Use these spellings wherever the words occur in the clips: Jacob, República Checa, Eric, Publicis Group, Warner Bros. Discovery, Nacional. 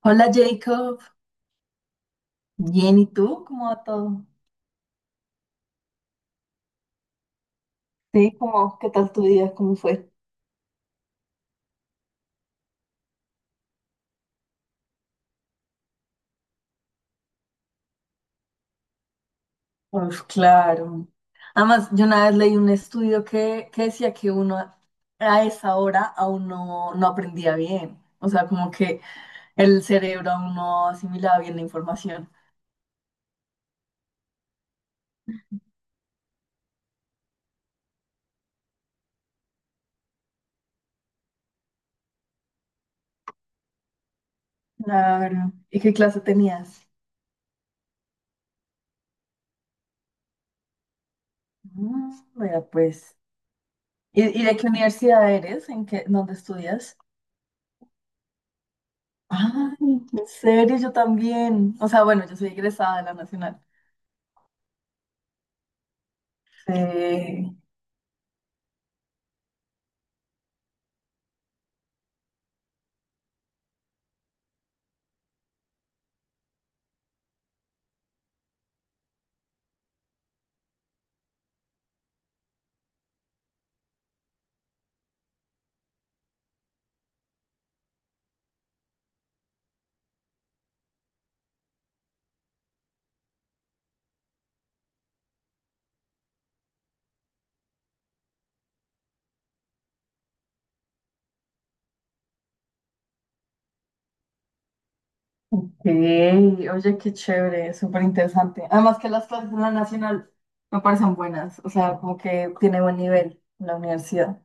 Hola Jacob, bien, ¿y tú? ¿Cómo va todo? Sí, ¿cómo? ¿Qué tal tu día? ¿Cómo fue? Pues claro. Además, yo una vez leí un estudio que decía que uno a esa hora aún no aprendía bien. O sea, como que el cerebro aún no asimilaba bien la información. Claro. ¿Y qué clase tenías? Mm, mira, pues. ¿Y de qué universidad eres? ¿En qué, dónde estudias? Ay, en serio, yo también. O sea, bueno, yo soy egresada de la Nacional. Sí. Sí, oye, qué chévere, súper interesante. Además que las clases en la Nacional me parecen buenas, o sea, como que tiene buen nivel la universidad.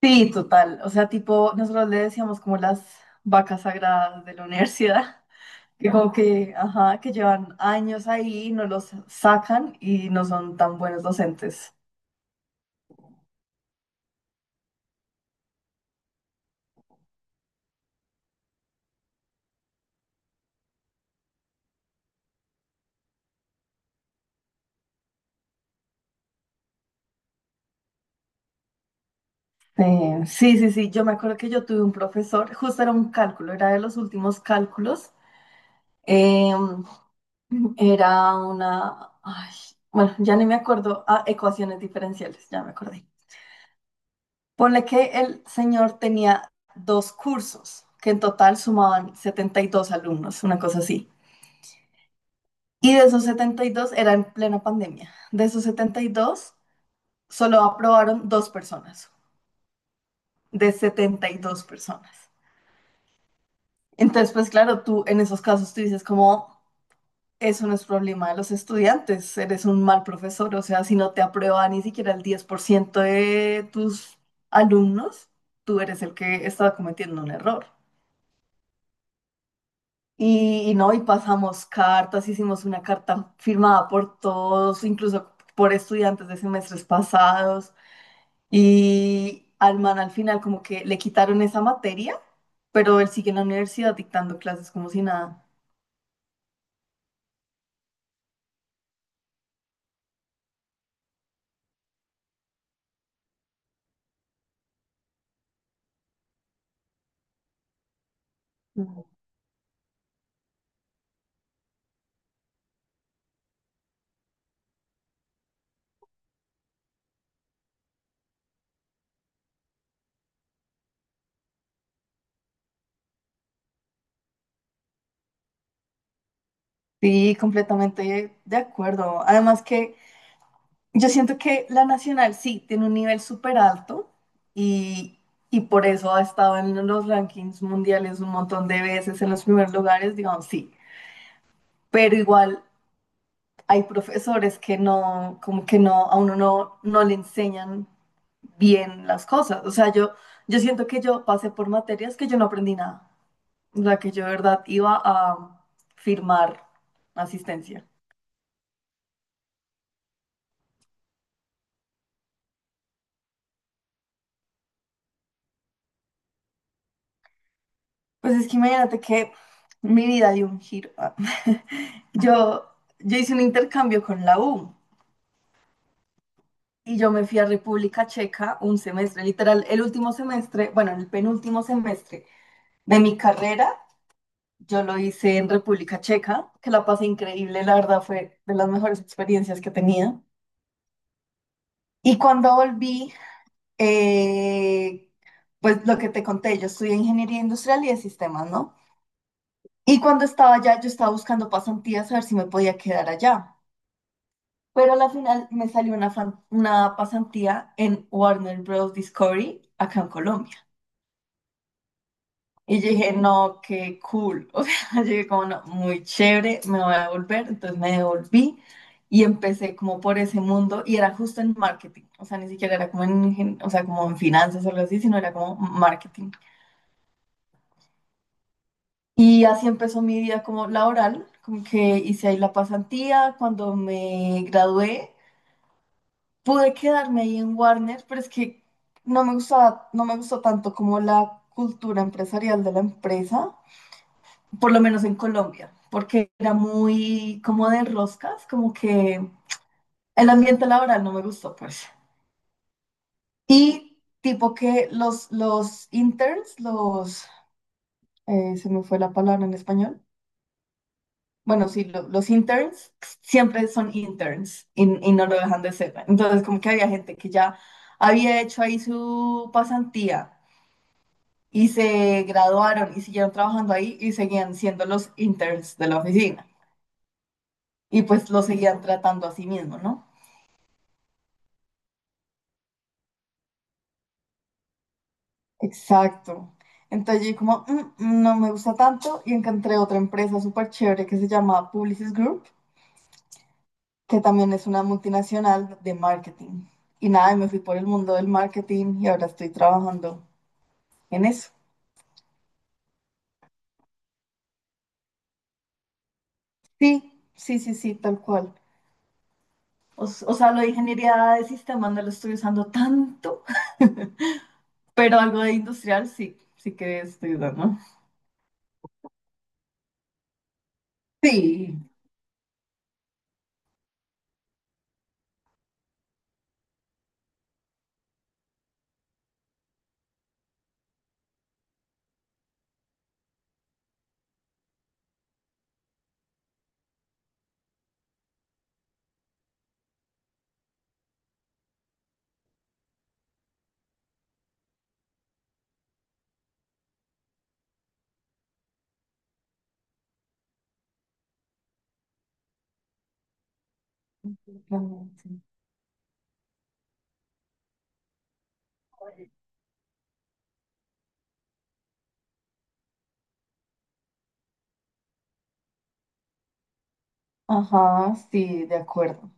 Sí, total, o sea, tipo, nosotros le decíamos como las vacas sagradas de la universidad, que como que, ajá, que llevan años ahí, y no los sacan y no son tan buenos docentes. Sí, sí, sí, yo me acuerdo que yo tuve un profesor, justo era un cálculo, era de los últimos cálculos. em, Era una... Ay, bueno, ya ni me acuerdo. Ah, ecuaciones diferenciales, ya me acordé. Ponle que el señor tenía dos cursos, que en total sumaban 72 alumnos, una cosa así. Y de esos 72 era en plena pandemia, de esos 72 solo aprobaron dos personas, de 72 personas. Entonces, pues claro, tú en esos casos tú dices como... Eso no es problema de los estudiantes, eres un mal profesor, o sea, si no te aprueba ni siquiera el 10% de tus alumnos, tú eres el que está cometiendo un error. Y no, y pasamos cartas, hicimos una carta firmada por todos, incluso por estudiantes de semestres pasados, y al final como que le quitaron esa materia, pero él sigue en la universidad dictando clases como si nada. Mm. Sí, completamente de acuerdo. Además que... Yo siento que la Nacional sí tiene un nivel súper alto y, y por eso ha estado en los rankings mundiales un montón de veces en los primeros lugares, digamos, sí. Pero igual hay profesores que no, como que no, a uno no le enseñan bien las cosas. O sea, yo siento que yo pasé por materias que yo no aprendí nada. O sea, que yo de verdad iba a firmar asistencia. Pues es que imagínate que mi vida dio un giro. Ah. Yo, yo hice un intercambio con la U y yo me fui a República Checa un semestre, literal, el último semestre, bueno, el penúltimo semestre de mi carrera, yo lo hice en República Checa, que la pasé increíble, la verdad fue de las mejores experiencias que tenía. Y cuando volví, eh, pues lo que te conté, yo estudié ingeniería industrial y de sistemas, ¿no? Y cuando estaba allá, yo estaba buscando pasantías a ver si me podía quedar allá. Pero a la final me salió una, una pasantía en Warner Bros. Discovery acá en Colombia. Y yo dije, no, qué cool. O sea, yo dije como, no, muy chévere, me voy a devolver. Entonces me devolví y empecé como por ese mundo y era justo en marketing. O sea, ni siquiera era como en, o sea, como en finanzas o algo así, sino era como marketing. Y así empezó mi vida como laboral, como que hice ahí la pasantía. Cuando me gradué, pude quedarme ahí en Warner, pero es que no me gustaba, no me gustó tanto como la cultura empresarial de la empresa, por lo menos en Colombia, porque era muy como de roscas, como que el ambiente laboral no me gustó, pues. Y tipo que los interns, los, se me fue la palabra en español. Bueno, sí, los interns siempre son interns y no lo dejan de ser. Entonces, como que había gente que ya había hecho ahí su pasantía y se graduaron y siguieron trabajando ahí y seguían siendo los interns de la oficina. Y pues lo seguían tratando a sí mismo, ¿no? Exacto. Entonces yo como, "Mm, mm, no me gusta tanto y encontré otra empresa súper chévere que se llama Publicis Group, que también es una multinacional de marketing. Y nada, y me fui por el mundo del marketing y ahora estoy trabajando en eso. Sí, sí, sí, sí, tal cual. O sea, lo de ingeniería de sistemas no lo estoy usando tanto. Pero algo de industrial sí, sí que estoy dando. Sí. Supongo, sí. Ajá, sí, de acuerdo.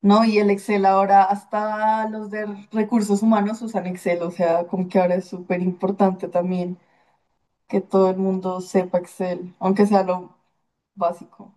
No, y el Excel ahora, hasta los de recursos humanos usan Excel, o sea, como que ahora es súper importante también que todo el mundo sepa Excel, aunque sea lo básico.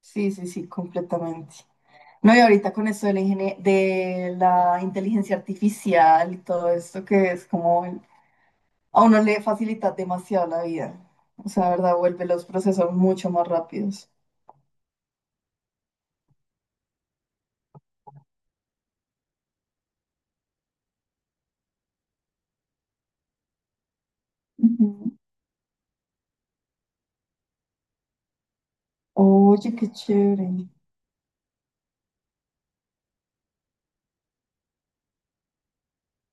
Sí, sí, sí, completamente. No, y ahorita con esto de la, de la inteligencia artificial y todo esto que es como el a uno le facilita demasiado la vida. O sea, la verdad, vuelve los procesos mucho más rápidos. Ujú. Oye, qué chévere.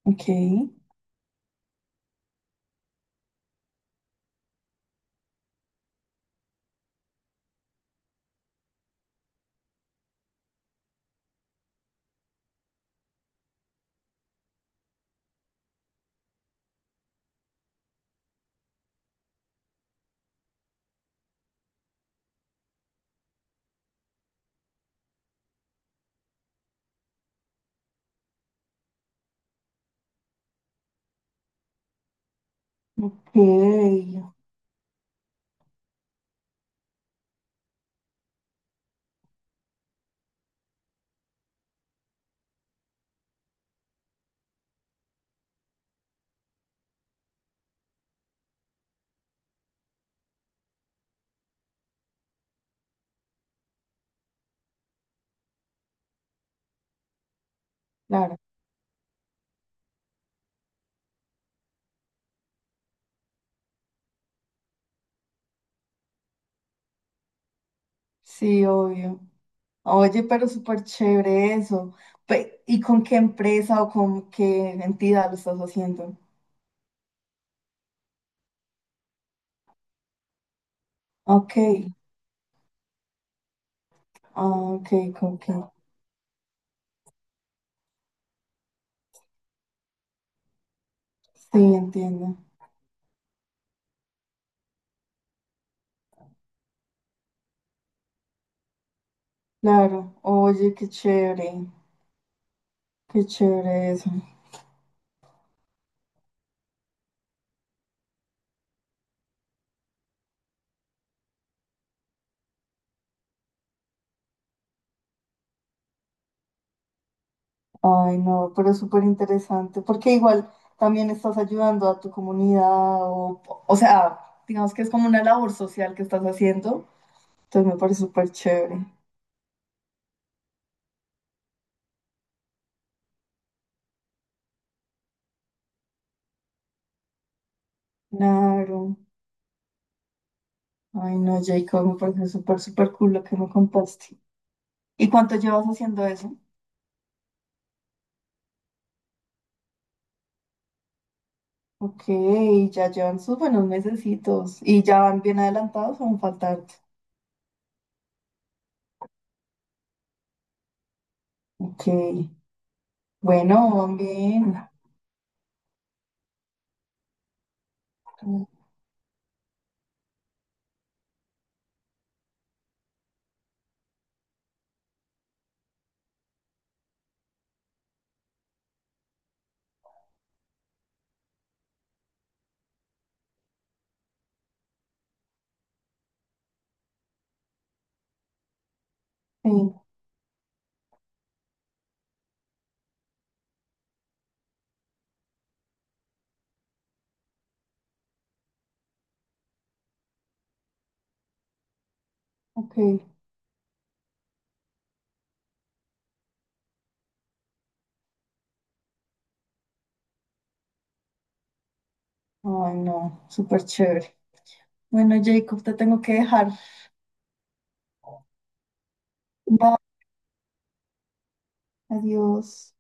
Ok, ok, claro. Sí, obvio. Oye, pero súper chévere eso. ¿Y con qué empresa o con qué entidad lo estás haciendo? Ok, ah, ok, ok. Sí, entiendo. Claro. Oye, qué chévere. Qué chévere eso. Ay, no, pero es súper interesante, porque igual también estás ayudando a tu comunidad, o, o sea, digamos que es como una labor social que estás haciendo, entonces me parece súper chévere. Claro, ay, no, Jacob, me parece súper, súper cool lo que me contaste. ¿Y cuánto llevas haciendo eso? Ok, ya llevan sus buenos mesecitos, ¿y ya van bien adelantados o van faltarte? Ok, bueno, van bien. Sí, ok, ay, no, súper chévere. Bueno, Jacob, te tengo que dejar. Bye, adiós.